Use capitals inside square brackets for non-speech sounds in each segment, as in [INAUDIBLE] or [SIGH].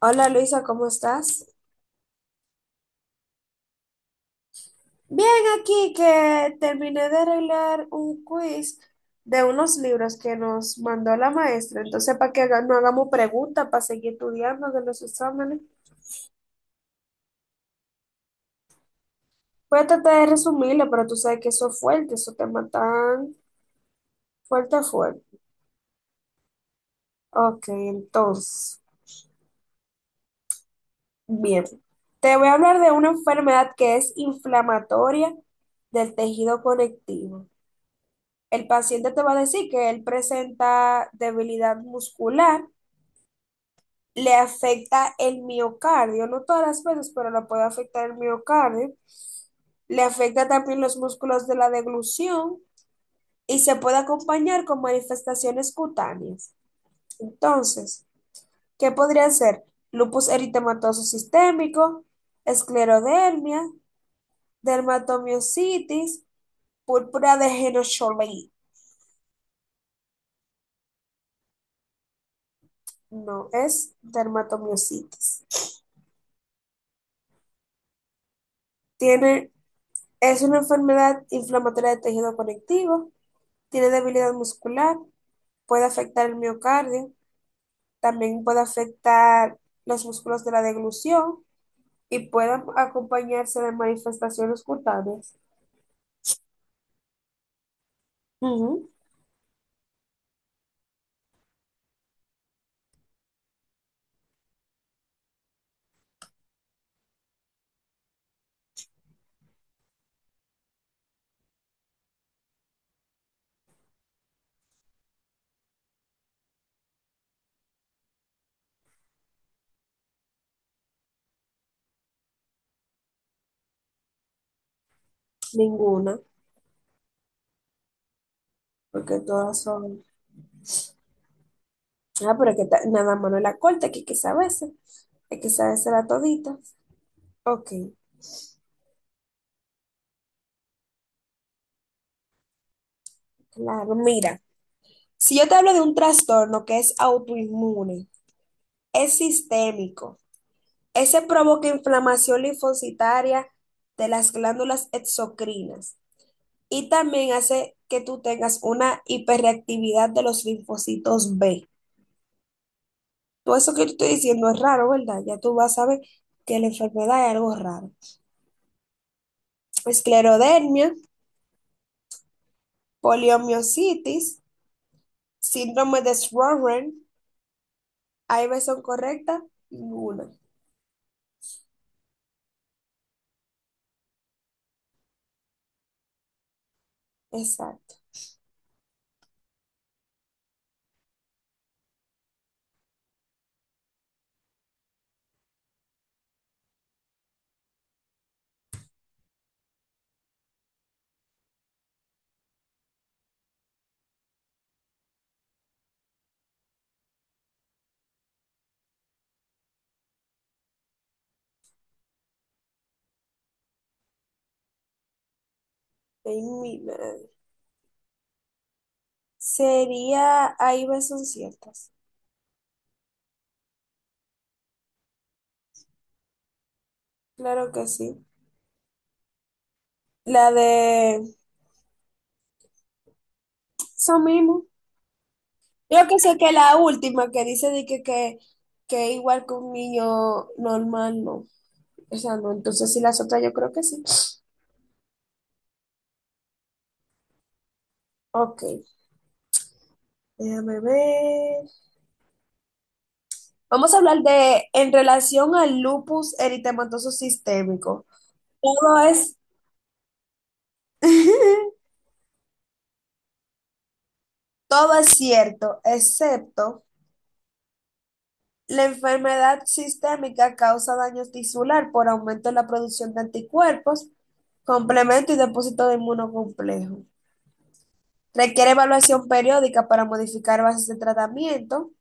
Hola Luisa, ¿cómo estás? Bien, aquí que terminé de arreglar un quiz de unos libros que nos mandó la maestra. Entonces, para que haga- no hagamos preguntas, para seguir estudiando de los exámenes. Voy a tratar de resumirlo, pero tú sabes que eso es fuerte, eso te matan fuerte, fuerte. Ok, entonces, bien. Te voy a hablar de una enfermedad que es inflamatoria del tejido conectivo. El paciente te va a decir que él presenta debilidad muscular, le afecta el miocardio, no todas las veces, pero le puede afectar el miocardio. Le afecta también los músculos de la deglución y se puede acompañar con manifestaciones cutáneas. Entonces, ¿qué podría ser? Lupus eritematoso sistémico, esclerodermia, dermatomiositis, púrpura de Henoch-Schönlein. No, es dermatomiositis. Tiene, es una enfermedad inflamatoria de tejido conectivo, tiene debilidad muscular, puede afectar el miocardio, también puede afectar los músculos de la deglución y puede acompañarse de manifestaciones cutáneas. Ujú. Ninguna, porque todas son... Ah, pero que ta- nada más no la corta, que hay que saberse la todita. Ok, claro, mira, si yo te hablo de un trastorno que es autoinmune, es sistémico, ese provoca inflamación linfocitaria de las glándulas exocrinas, y también hace que tú tengas una hiperreactividad de los linfocitos B. Todo eso que te estoy diciendo es raro, ¿verdad? Ya tú vas a ver que la enfermedad es algo raro. Esclerodermia, poliomiositis, síndrome de Sjögren, ¿hay versión correcta? Ninguna. Exacto. Ay, mi madre. Sería, hay versión ciertas. Claro que sí. La de eso mismo. Yo que sé que la última que dice de que, que igual que un niño normal, no. O sea, no. Entonces, sí, las otras yo creo que sí. Ok, déjame ver. Vamos a hablar de, en relación al lupus eritematoso sistémico. Todo es, [LAUGHS] todo es cierto, excepto la enfermedad sistémica causa daño tisular por aumento en la producción de anticuerpos, complemento y depósito de inmunocomplejo. Requiere evaluación periódica para modificar bases de tratamiento.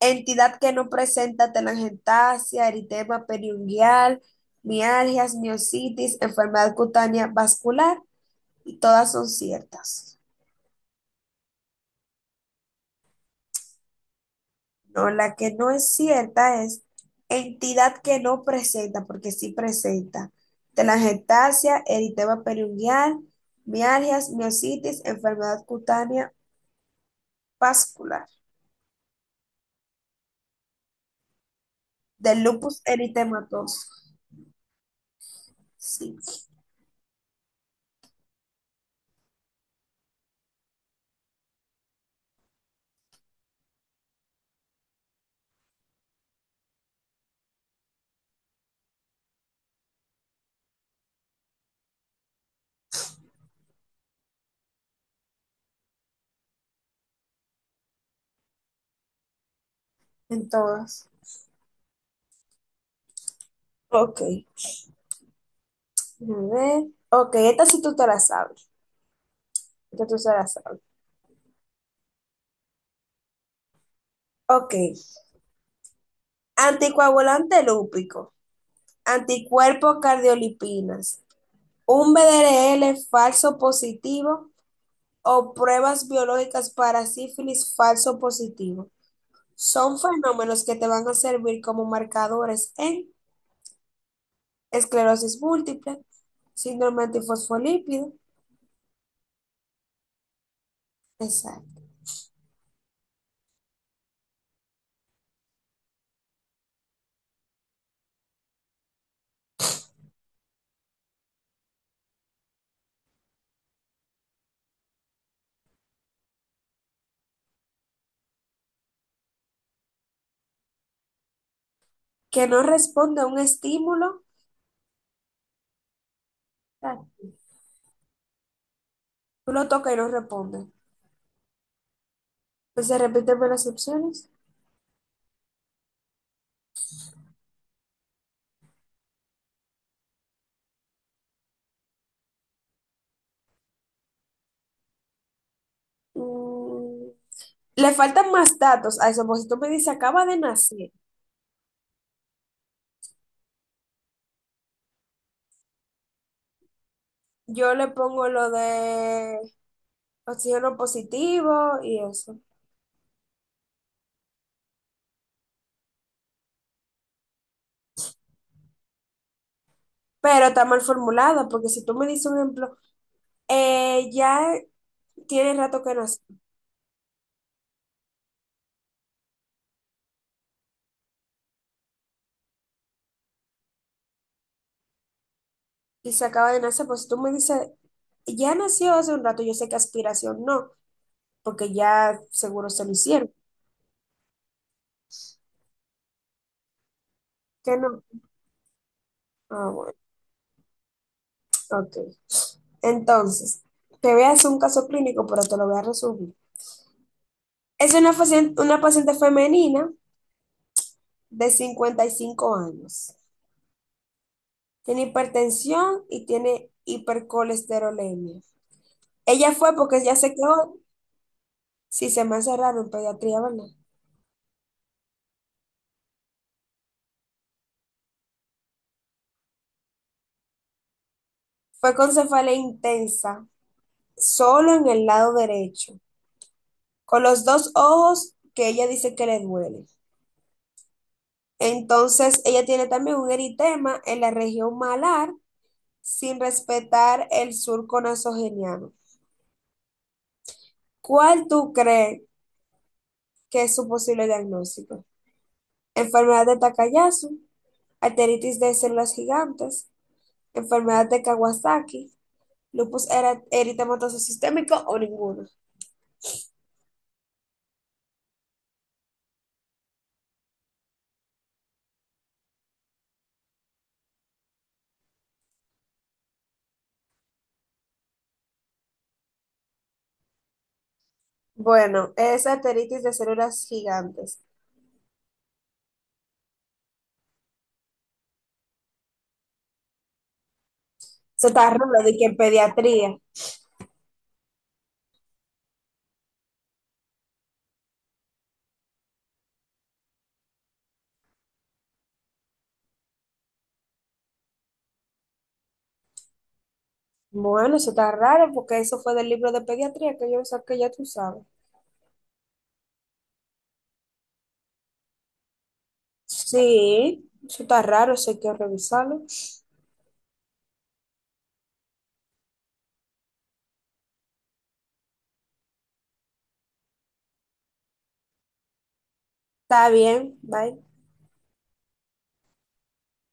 Entidad que no presenta telangiectasia, eritema periungual, mialgias, miositis, enfermedad cutánea vascular, y todas son ciertas. No, la que no es cierta es entidad que no presenta, porque sí presenta telangiectasia, eritema periungual, mialgias, miositis, enfermedad cutánea vascular, del lupus eritematoso. Sí. En todas. Ok, a ver. Ok, esta sí tú te la sabes. Esta tú se la sabes. Ok. Anticoagulante lúpico. Anticuerpos cardiolipinas. Un BDRL falso positivo o pruebas biológicas para sífilis falso positivo. Son fenómenos que te van a servir como marcadores en esclerosis múltiple, síndrome antifosfolípido, exacto, que no responde a un estímulo, claro, tú lo tocas y no responde. Pues se repíteme las opciones. Mm, le faltan más datos a eso, porque si tú me dices acaba de nacer, yo le pongo lo de oxígeno positivo y eso. Pero está mal formulada, porque si tú me dices un ejemplo, ya tiene rato que nació y se acaba de nacer, pues si tú me dices, ya nació hace un rato, yo sé que aspiración no, porque ya seguro se lo hicieron. ¿Qué no? Ah, bueno, ok. Entonces, te voy a hacer un caso clínico, pero te lo voy a resumir. Es una paciente femenina de 55 años. Tiene hipertensión y tiene hipercolesterolemia. Ella fue porque ya se quedó, si se me hace raro en pediatría, ¿verdad? Fue con cefalea intensa, solo en el lado derecho, con los dos ojos que ella dice que le duele. Entonces, ella tiene también un eritema en la región malar sin respetar el surco nasogeniano. ¿Cuál tú crees que es su posible diagnóstico? Enfermedad de Takayasu, arteritis de células gigantes, enfermedad de Kawasaki, lupus era- eritematoso sistémico o ninguno. Bueno, es arteritis de células gigantes. Eso está raro, de que en pediatría. Bueno, eso está raro porque eso fue del libro de pediatría que yo saqué, ya tú sabes. Sí, eso está raro, eso hay que revisarlo. Está bien, bye.